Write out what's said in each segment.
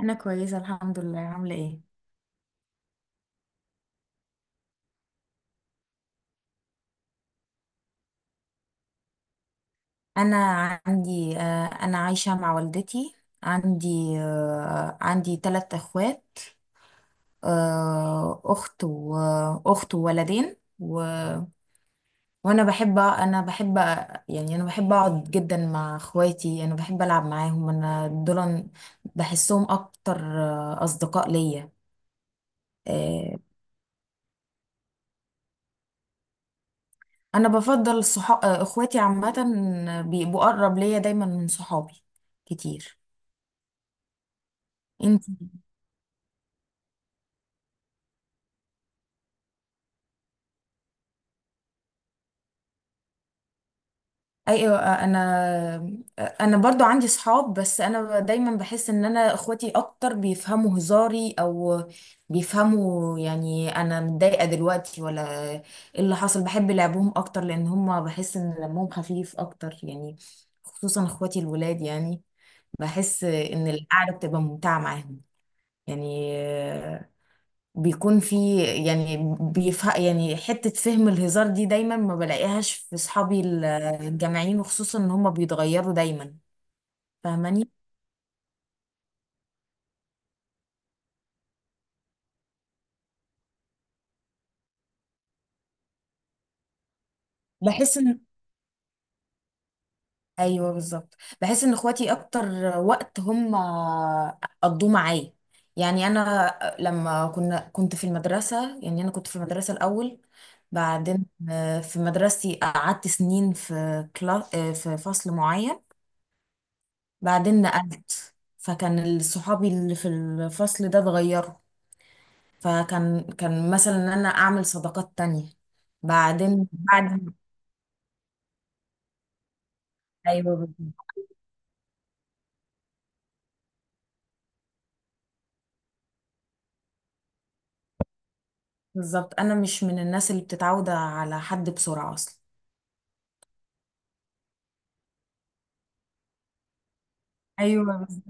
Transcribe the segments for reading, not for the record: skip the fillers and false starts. انا كويسه الحمد لله. عامله ايه؟ انا انا عايشه مع والدتي. عندي عندي ثلاث اخوات. اخت واخت وولدين وانا بحب. يعني انا بحب اقعد جدا مع اخواتي. انا بحب العب معاهم. انا دول بحسهم اكتر، اصدقاء ليا. آه، انا بفضل صحاب اخواتي عامه، بيبقوا اقرب ليا دايما من صحابي كتير. انت؟ ايوه. انا برضو عندي صحاب. بس انا دايما بحس ان انا اخواتي اكتر بيفهموا هزاري، او بيفهموا يعني انا متضايقه دلوقتي ولا ايه اللي حصل. بحب لعبهم اكتر لان هم بحس ان دمهم خفيف اكتر، يعني خصوصا اخواتي الولاد. يعني بحس ان القعده بتبقى ممتعه معاهم. يعني بيكون في، يعني بيفهم، يعني حتة فهم الهزار دي دايما ما بلاقيهاش في صحابي الجامعيين، وخصوصا ان هم بيتغيروا دايما. فاهماني؟ بحس ان، ايوه بالظبط، بحس ان اخواتي اكتر وقت هم قضوه معايا. يعني انا لما كنت في المدرسة. يعني انا كنت في المدرسة الاول. بعدين في مدرستي قعدت سنين في كلا، في فصل معين. بعدين نقلت، فكان صحابي اللي في الفصل ده اتغيروا. فكان مثلا ان انا اعمل صداقات تانية. بعدين. ايوه بالظبط. انا مش من الناس اللي بتتعود على حد بسرعة اصلا. ايوه بالظبط.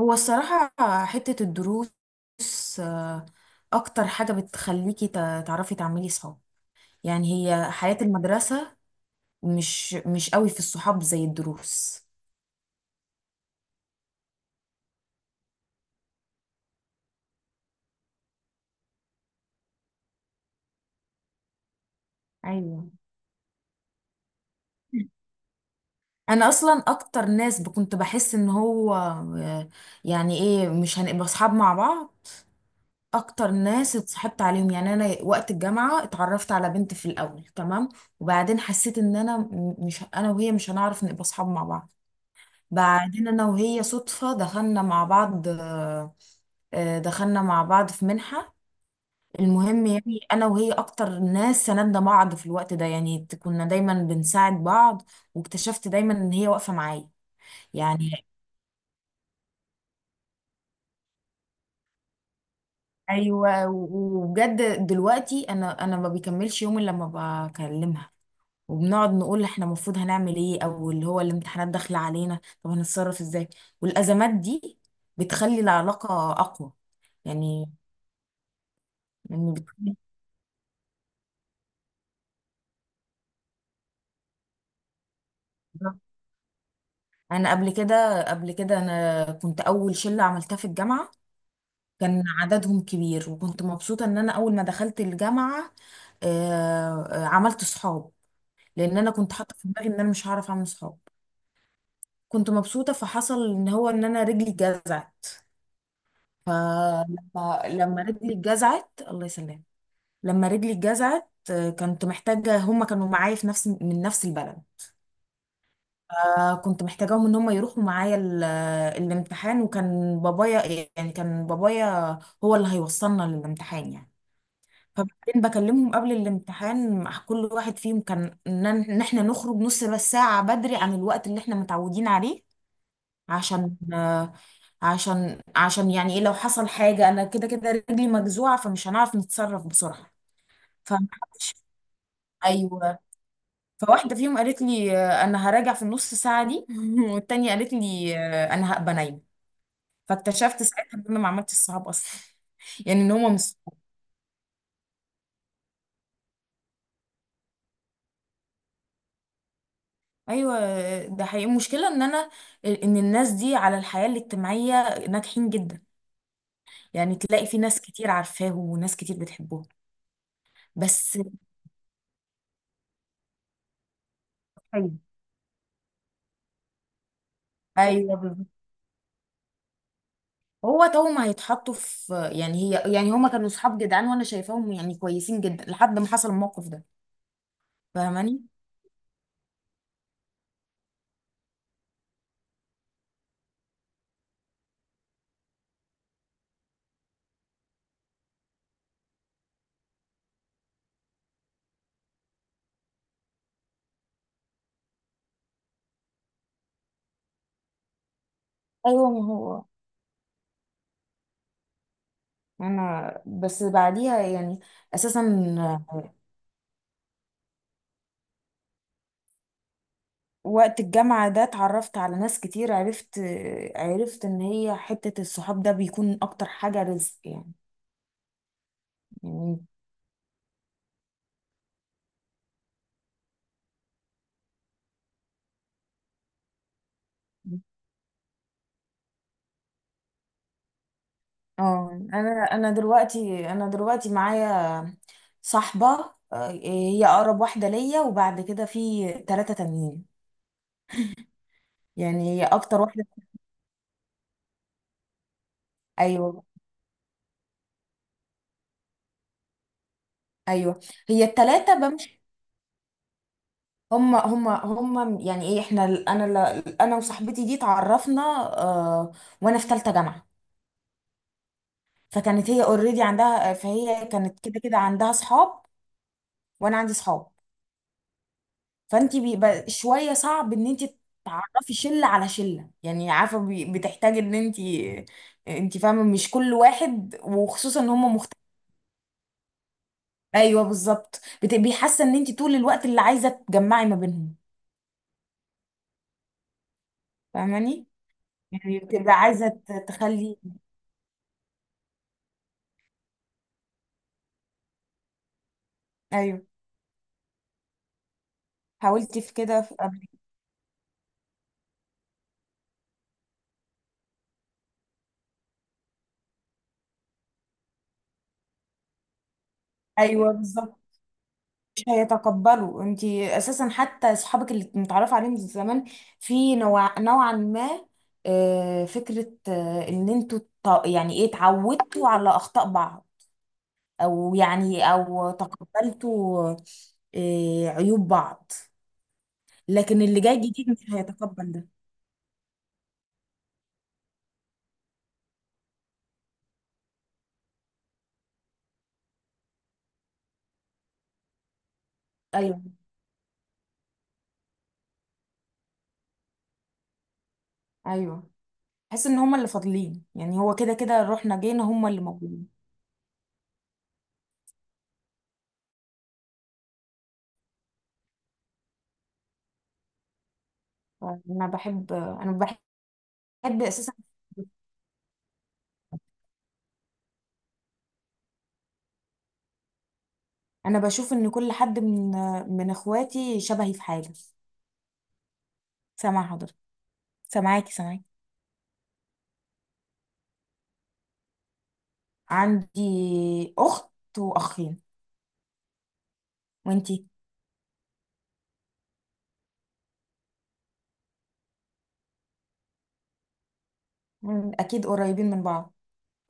هو الصراحة حتة الدروس، آه، اكتر حاجة بتخليكي تعرفي تعملي صحاب، يعني هي حياة المدرسة. مش قوي في الصحاب زي الدروس. ايوه. انا اصلا اكتر ناس كنت بحس ان هو يعني ايه مش هنبقى اصحاب مع بعض، اكتر ناس اتصاحبت عليهم. يعني انا وقت الجامعه اتعرفت على بنت في الاول تمام، وبعدين حسيت ان انا مش انا وهي مش هنعرف نبقى اصحاب مع بعض. بعدين انا وهي صدفه دخلنا مع بعض، دخلنا مع بعض في منحه. المهم يعني انا وهي اكتر ناس سندنا بعض في الوقت ده، يعني كنا دايما بنساعد بعض واكتشفت دايما ان هي واقفه معايا. يعني ايوه وبجد دلوقتي انا ما بيكملش يوم الا لما بكلمها، وبنقعد نقول احنا المفروض هنعمل ايه، او اللي هو الامتحانات داخله علينا طب هنتصرف ازاي. والازمات دي بتخلي العلاقه اقوى، يعني. يعني. انا قبل كده انا كنت اول شله عملتها في الجامعه. كان عددهم كبير وكنت مبسوطه ان انا اول ما دخلت الجامعه عملت صحاب، لان انا كنت حاطه في دماغي ان انا مش هعرف اعمل صحاب. كنت مبسوطة، فحصل ان هو ان انا رجلي اتجزعت. فلما رجلي اتجزعت، الله يسلم. لما رجلي اتجزعت كنت محتاجة، هما كانوا معايا في نفس من نفس البلد. كنت محتاجاهم ان هما يروحوا معايا الامتحان، وكان بابايا، يعني كان بابايا هو اللي هيوصلنا للامتحان. يعني فبعدين بكلمهم قبل الامتحان، مع كل واحد فيهم كان ان إن احنا نخرج نص بس ساعة بدري عن الوقت اللي احنا متعودين عليه. عشان عشان يعني ايه لو حصل حاجة، انا كده كده رجلي مجزوعة فمش هنعرف نتصرف بسرعة. فمحدش. ايوه. فواحدة فيهم قالت لي انا هراجع في النص ساعة دي. والتانية قالت لي انا هبقى نايمة. فاكتشفت ساعتها ان انا ما عملتش الصحاب اصلا. يعني ان هما مش صحاب. ايوه ده حقيقي. المشكلة ان انا ان الناس دي على الحياة الاجتماعية ناجحين جدا، يعني تلاقي في ناس كتير عارفاهم وناس كتير بتحبهم. بس ايوه أيوة. هو توم هيتحطوا في، يعني هي، يعني هما كانوا صحاب جدعان وانا شايفاهم يعني كويسين جدا لحد ما حصل الموقف ده. فاهماني؟ ايوه ما هو انا بس بعديها، يعني اساسا وقت الجامعة ده اتعرفت على ناس كتير. عرفت ان هي حتة الصحاب ده بيكون اكتر حاجة رزق، يعني. يعني اه انا دلوقتي دلوقتي معايا صاحبة، هي اقرب واحدة ليا، وبعد كده في ثلاثة تانيين. يعني هي اكتر واحده. ايوه ايوه. هي التلاتة بمشي. هم، يعني ايه احنا انا، انا وصاحبتي دي اتعرفنا، آه، وانا في تالتة جامعة. فكانت هي اوريدي عندها، فهي كانت كده كده عندها صحاب وانا عندي صحاب. فانت بيبقى شوية صعب ان انت تعرفي شلة على شلة، يعني عارفة بتحتاج ان انت انت فاهمة مش كل واحد، وخصوصا ان هم مختلفين. ايوه بالظبط بيحس ان انت طول الوقت اللي عايزة تجمعي ما بينهم. فاهماني؟ يعني بتبقى عايزة تخلي. ايوه حاولتي في كده في قبل. ايوه بالظبط مش هيتقبلوا. انتي اساسا حتى اصحابك اللي متعرف عليهم من زمان، في نوع نوعا ما فكرة ان انتوا يعني ايه اتعودتوا على اخطاء بعض، او يعني او تقبلتوا عيوب بعض. لكن اللي جاي جديد مش هيتقبل ده. ايوه ايوه. حس ان هما اللي فاضلين، يعني هو كده كده رحنا جينا هما اللي موجودين. انا بحب. اساسا انا بشوف ان كل حد من من اخواتي شبهي في حاجه. سامعه حضرتك. سامعاكي. عندي اخت واخين. وانتي؟ مم، اكيد قريبين من بعض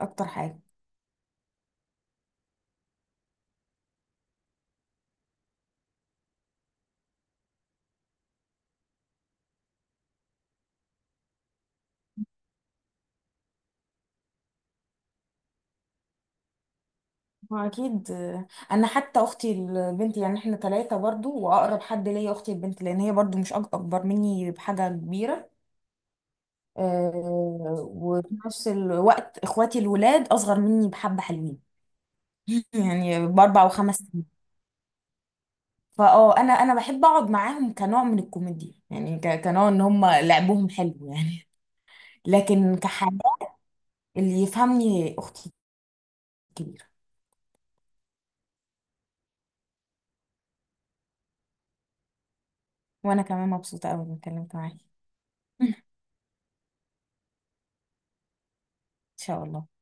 اكتر حاجه. ما اكيد، انا حتى اختي البنت، يعني احنا ثلاثه برضو واقرب حد ليا اختي البنت، لان هي برضو مش اكبر مني بحاجه كبيره. أه، وفي نفس الوقت اخواتي الولاد اصغر مني بحبه، حلوين. يعني بـ4 و5 سنين. انا بحب اقعد معاهم كنوع من الكوميديا، يعني ك- كنوع ان هم لعبهم حلو. يعني لكن كحاجة، اللي يفهمني اختي الكبيرة. وانا كمان مبسوطة قوي اني اتكلمت معاكي. ان شاء الله.